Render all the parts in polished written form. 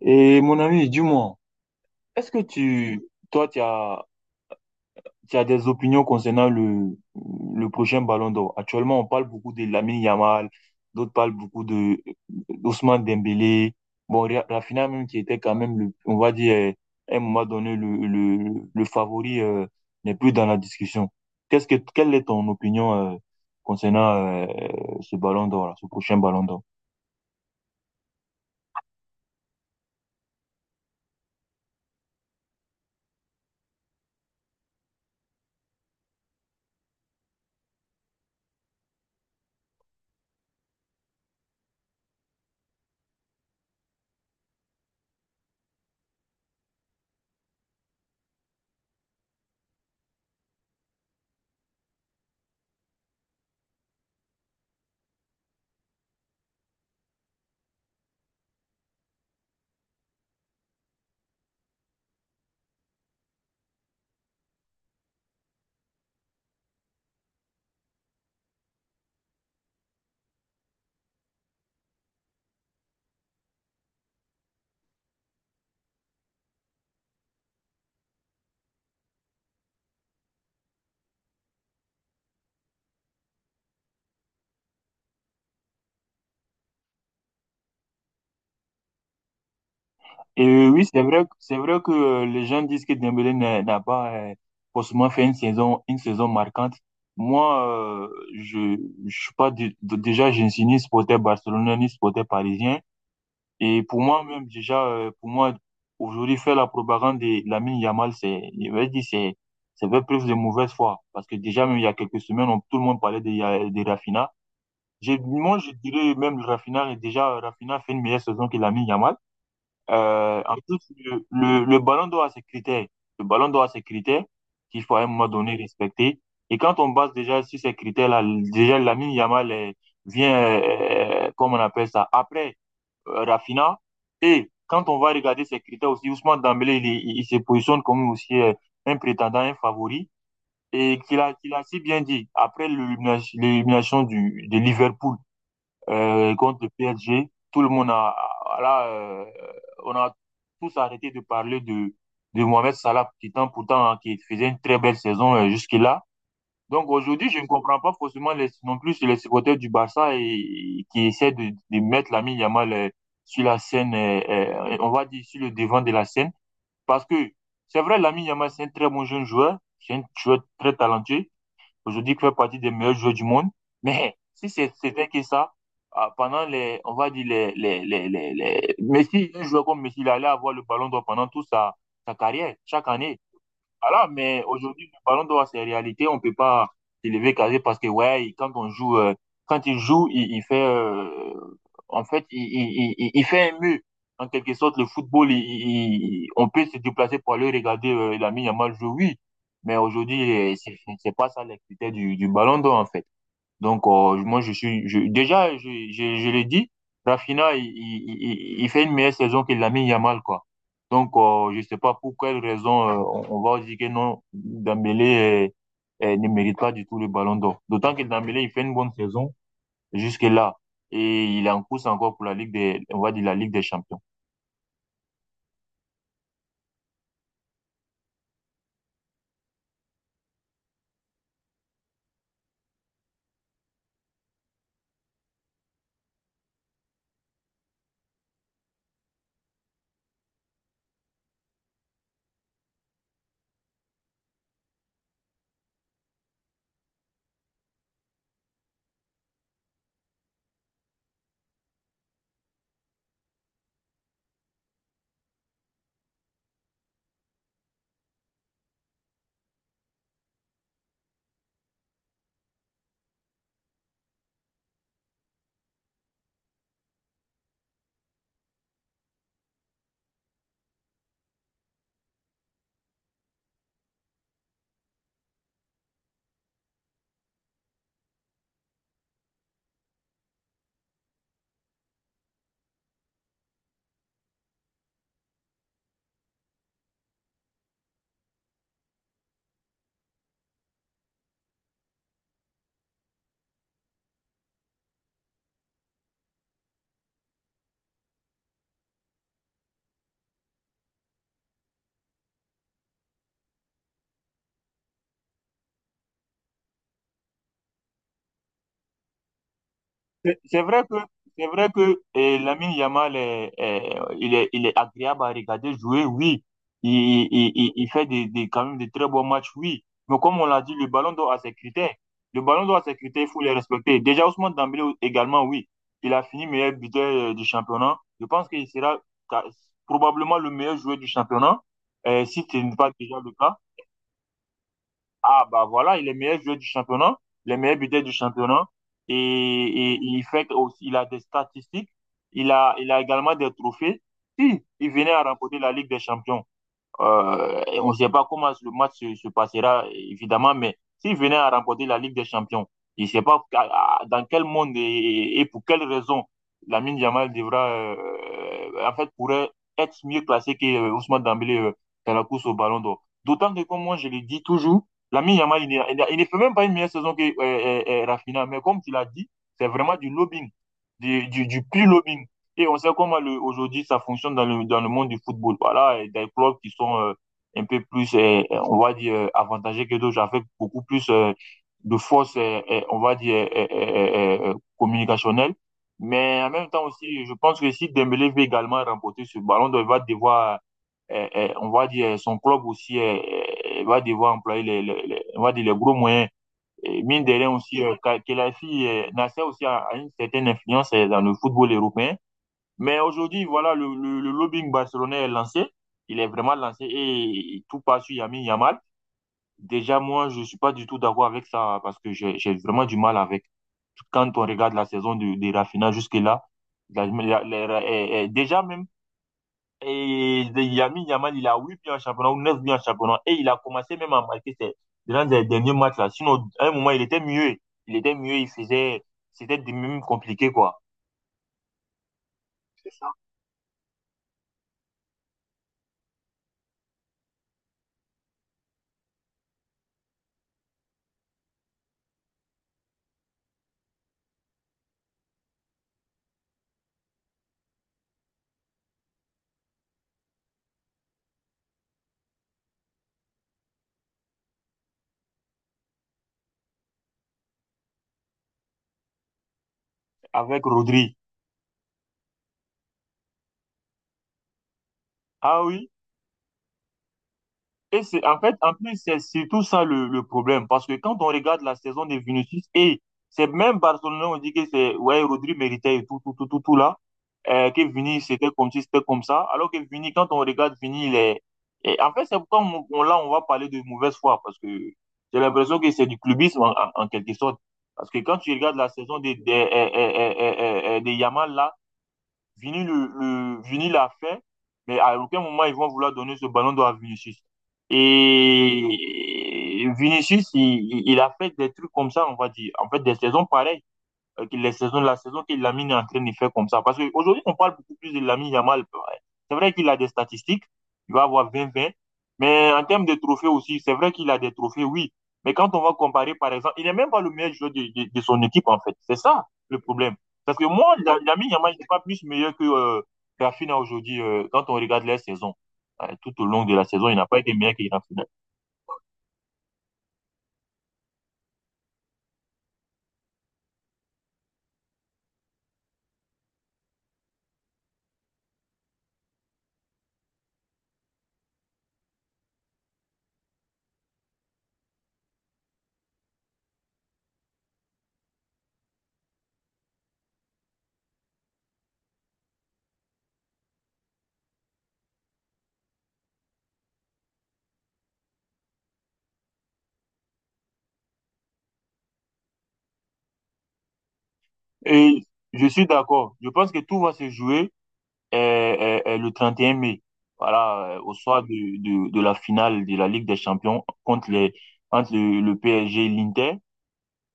Et mon ami, dis-moi, est-ce que toi, tu as des opinions concernant le prochain Ballon d'Or? Actuellement, on parle beaucoup de Lamine Yamal, d'autres parlent beaucoup de d'Ousmane Dembélé. Bon, Rafinha même qui était quand même, le, on va dire, à un moment donné, le favori n'est plus dans la discussion. Quelle est ton opinion concernant ce Ballon d'Or, là, ce prochain Ballon d'Or? Et oui, c'est vrai que les gens disent que Dembélé n'a pas forcément fait une saison marquante. Moi, je, je suis pas déjà, je ne suis ni supporter barcelonais ni supporter parisien. Et pour moi même déjà, pour moi aujourd'hui faire la propagande de Lamine Yamal, c'est, je vais dire, c'est faire preuve de mauvaise foi. Parce que déjà même il y a quelques semaines, tout le monde parlait de Rafinha. Moi, je dirais même Rafinha, déjà Rafinha fait une meilleure saison que Lamine Yamal. En plus, le ballon d'or a ses critères. Le ballon d'or a ses critères qu'il faut à un moment donné respecter. Et quand on base déjà sur ces critères-là, déjà Lamine Yamal vient, comme on appelle ça, après Rafinha. Et quand on va regarder ces critères aussi, Ousmane Dembélé, il se positionne comme aussi un prétendant, un favori. Et qu'il a si bien dit, après l'élimination de Liverpool, contre le PSG. Tout le monde a, là, on a tous arrêté de parler de Mohamed Salah, qui temps pourtant hein, qui faisait une très belle saison jusque-là. Donc aujourd'hui, je ne comprends pas forcément les, non plus les supporters du Barça et qui essaient de mettre l'ami Yamal sur la scène, on va dire sur le devant de la scène, parce que c'est vrai, l'ami Yamal, c'est un très bon jeune joueur, c'est un joueur très talentueux, aujourd'hui fait partie des meilleurs joueurs du monde. Mais si c'était que ça, ah, pendant les, on va dire les Messi, un joueur comme Messi, il allait avoir le ballon d'or pendant toute sa carrière, chaque année. Voilà, mais aujourd'hui, le ballon d'or, c'est réalité. On peut pas s'élever carré parce que, ouais, quand il joue, il fait, en fait, il fait un mur. En quelque sorte, le football, on peut se déplacer pour aller regarder Lamine Yamal jouer, oui. Mais aujourd'hui, c'est pas ça l'activité du ballon d'or, en fait. Donc, moi, déjà, je l'ai dit, Rafinha, il fait une meilleure saison que Lamine Yamal, quoi. Donc, je sais pas pour quelle raison on va dire que non, Dembélé ne mérite pas du tout le ballon d'or. D'autant que Dembélé, il fait une bonne saison jusque-là. Et il est en course encore pour la Ligue des, on va dire la Ligue des Champions. C'est c'est vrai que c'est vrai que Lamine Yamal est, est- il est il est agréable à regarder jouer, oui. Il, il fait des, quand même des très bons matchs, oui. Mais comme on l'a dit, le ballon d'or a ses critères. Le ballon d'or a ses critères, il faut les respecter. Déjà Ousmane Dembélé également, oui. Il a fini meilleur buteur du championnat. Je pense qu'il sera ca- probablement le meilleur joueur du championnat, si ce n'est pas déjà le cas. Ah, bah voilà, il est meilleur joueur du championnat, le meilleur buteur du championnat. Et il fait aussi, il a des statistiques, il a également des trophées. Si il venait à remporter la Ligue des Champions, et on ne sait pas comment le match se passera, évidemment, mais s'il venait à remporter la Ligue des Champions, je ne sais pas dans quel monde et pour quelle raison Lamine Yamal devra, en fait, pourrait être mieux classé que Ousmane Dembélé dans la course au Ballon d'Or. D'autant que, comme moi, je le dis toujours, Lamine Yamal, il, n'est- il n'a- il ne fait même pas une meilleure saison que Rafinha, mais comme tu l'as dit, c'est vraiment du lobbying, du pur lobbying. Et on sait comment aujourd'hui ça fonctionne dans le monde du football. Voilà, et des clubs qui sont un peu plus, on va dire, avantagés que d'autres, avec beaucoup plus de force, on va dire, communicationnelle. Mais en même temps aussi, je pense que si Dembélé veut également remporter ce ballon d'or, il va devoir, on va dire, son club aussi va devoir employer les, on va dire, les gros moyens. Et mine de rien aussi, Khelaifi, Nasser aussi a une certaine influence dans le football européen. Mais aujourd'hui, voilà, le lobbying barcelonais est lancé. Il est vraiment lancé et tout passe sur Yamin Yamal. Déjà, moi, je ne suis pas du tout d'accord avec ça parce que j'ai vraiment du mal avec. Quand on regarde la saison de Rafinha jusque-là, déjà même, et Yamin Yamal, il a 8 buts en championnat ou 9 buts en championnat et il a commencé même à marquer ses, dans les derniers matchs là. Sinon, à un moment, il était mieux. Il était mieux, il faisait, c'était même compliqué quoi. C'est ça. Avec Rodri. Ah oui? Et c'est en fait, en plus, c'est surtout ça le problème. Parce que quand on regarde la saison de Vinicius, et c'est même Barcelone, on dit que c'est, ouais, Rodri méritait et tout, tout, tout, tout, tout là. Que Vini, c'était comme si c'était comme ça. Alors que Vini, quand on regarde Vini, il est. Et en fait, c'est pourquoi là, on va parler de mauvaise foi. Parce que j'ai l'impression que c'est du clubisme en quelque sorte. Parce que quand tu regardes la saison de Yamal là, Vini l'a fait, mais à aucun moment ils vont vouloir donner ce ballon d'or à Vinicius. Et Vinicius, il a fait des trucs comme ça, on va dire. En fait, des saisons pareilles que les saisons, la saison que Lamine est en train de faire comme ça. Parce qu'aujourd'hui, on parle beaucoup plus de Lamine Yamal. Ouais. C'est vrai qu'il a des statistiques, il va avoir 20-20, mais en termes de trophées aussi, c'est vrai qu'il a des trophées, oui. Mais quand on va comparer, par exemple, il n'est même pas le meilleur joueur de son équipe, en fait. C'est ça le problème. Parce que moi, Lamine Yamal n'est pas plus meilleur que Rafinha aujourd'hui quand on regarde les saisons. Tout au long de la saison, il n'a pas été meilleur qu'il est en finale. Et je suis d'accord. Je pense que tout va se jouer le 31 mai. Voilà, au soir de la finale de la Ligue des Champions entre le PSG et l'Inter.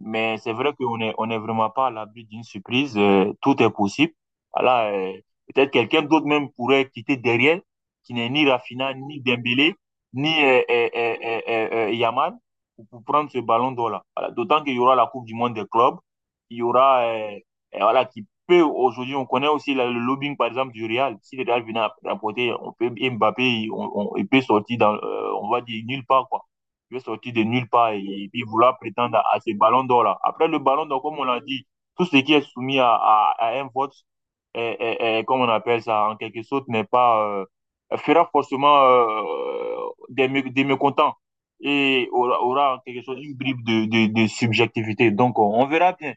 Mais c'est vrai qu'on est vraiment pas à l'abri d'une surprise. Tout est possible. Voilà, peut-être quelqu'un d'autre même pourrait quitter derrière, qui n'est ni Rafinha, ni Dembélé, ni Yamal, pour prendre ce ballon d'or-là. Voilà, d'autant qu'il y aura la Coupe du Monde des clubs. Il y aura, voilà, qui peut aujourd'hui, on connaît aussi le lobbying, par exemple, du Real. Si le Real venait à rapporter, on peut, Mbappé, il peut sortir on va dire, nulle part, quoi il est sorti de nulle part et puis vouloir prétendre à, ces ballons d'or là. Après le ballon d'or, comme on l'a dit, tout ce qui est soumis à un vote, comme on appelle ça, en quelque sorte, n'est pas, fera forcément des, mécontents et aura en quelque sorte une bribe de subjectivité. Donc, on verra bien.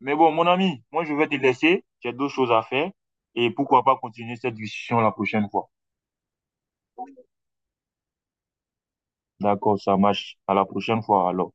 Mais bon, mon ami, moi, je vais te laisser. J'ai d'autres choses à faire. Et pourquoi pas continuer cette discussion la prochaine fois. D'accord, ça marche. À la prochaine fois, alors.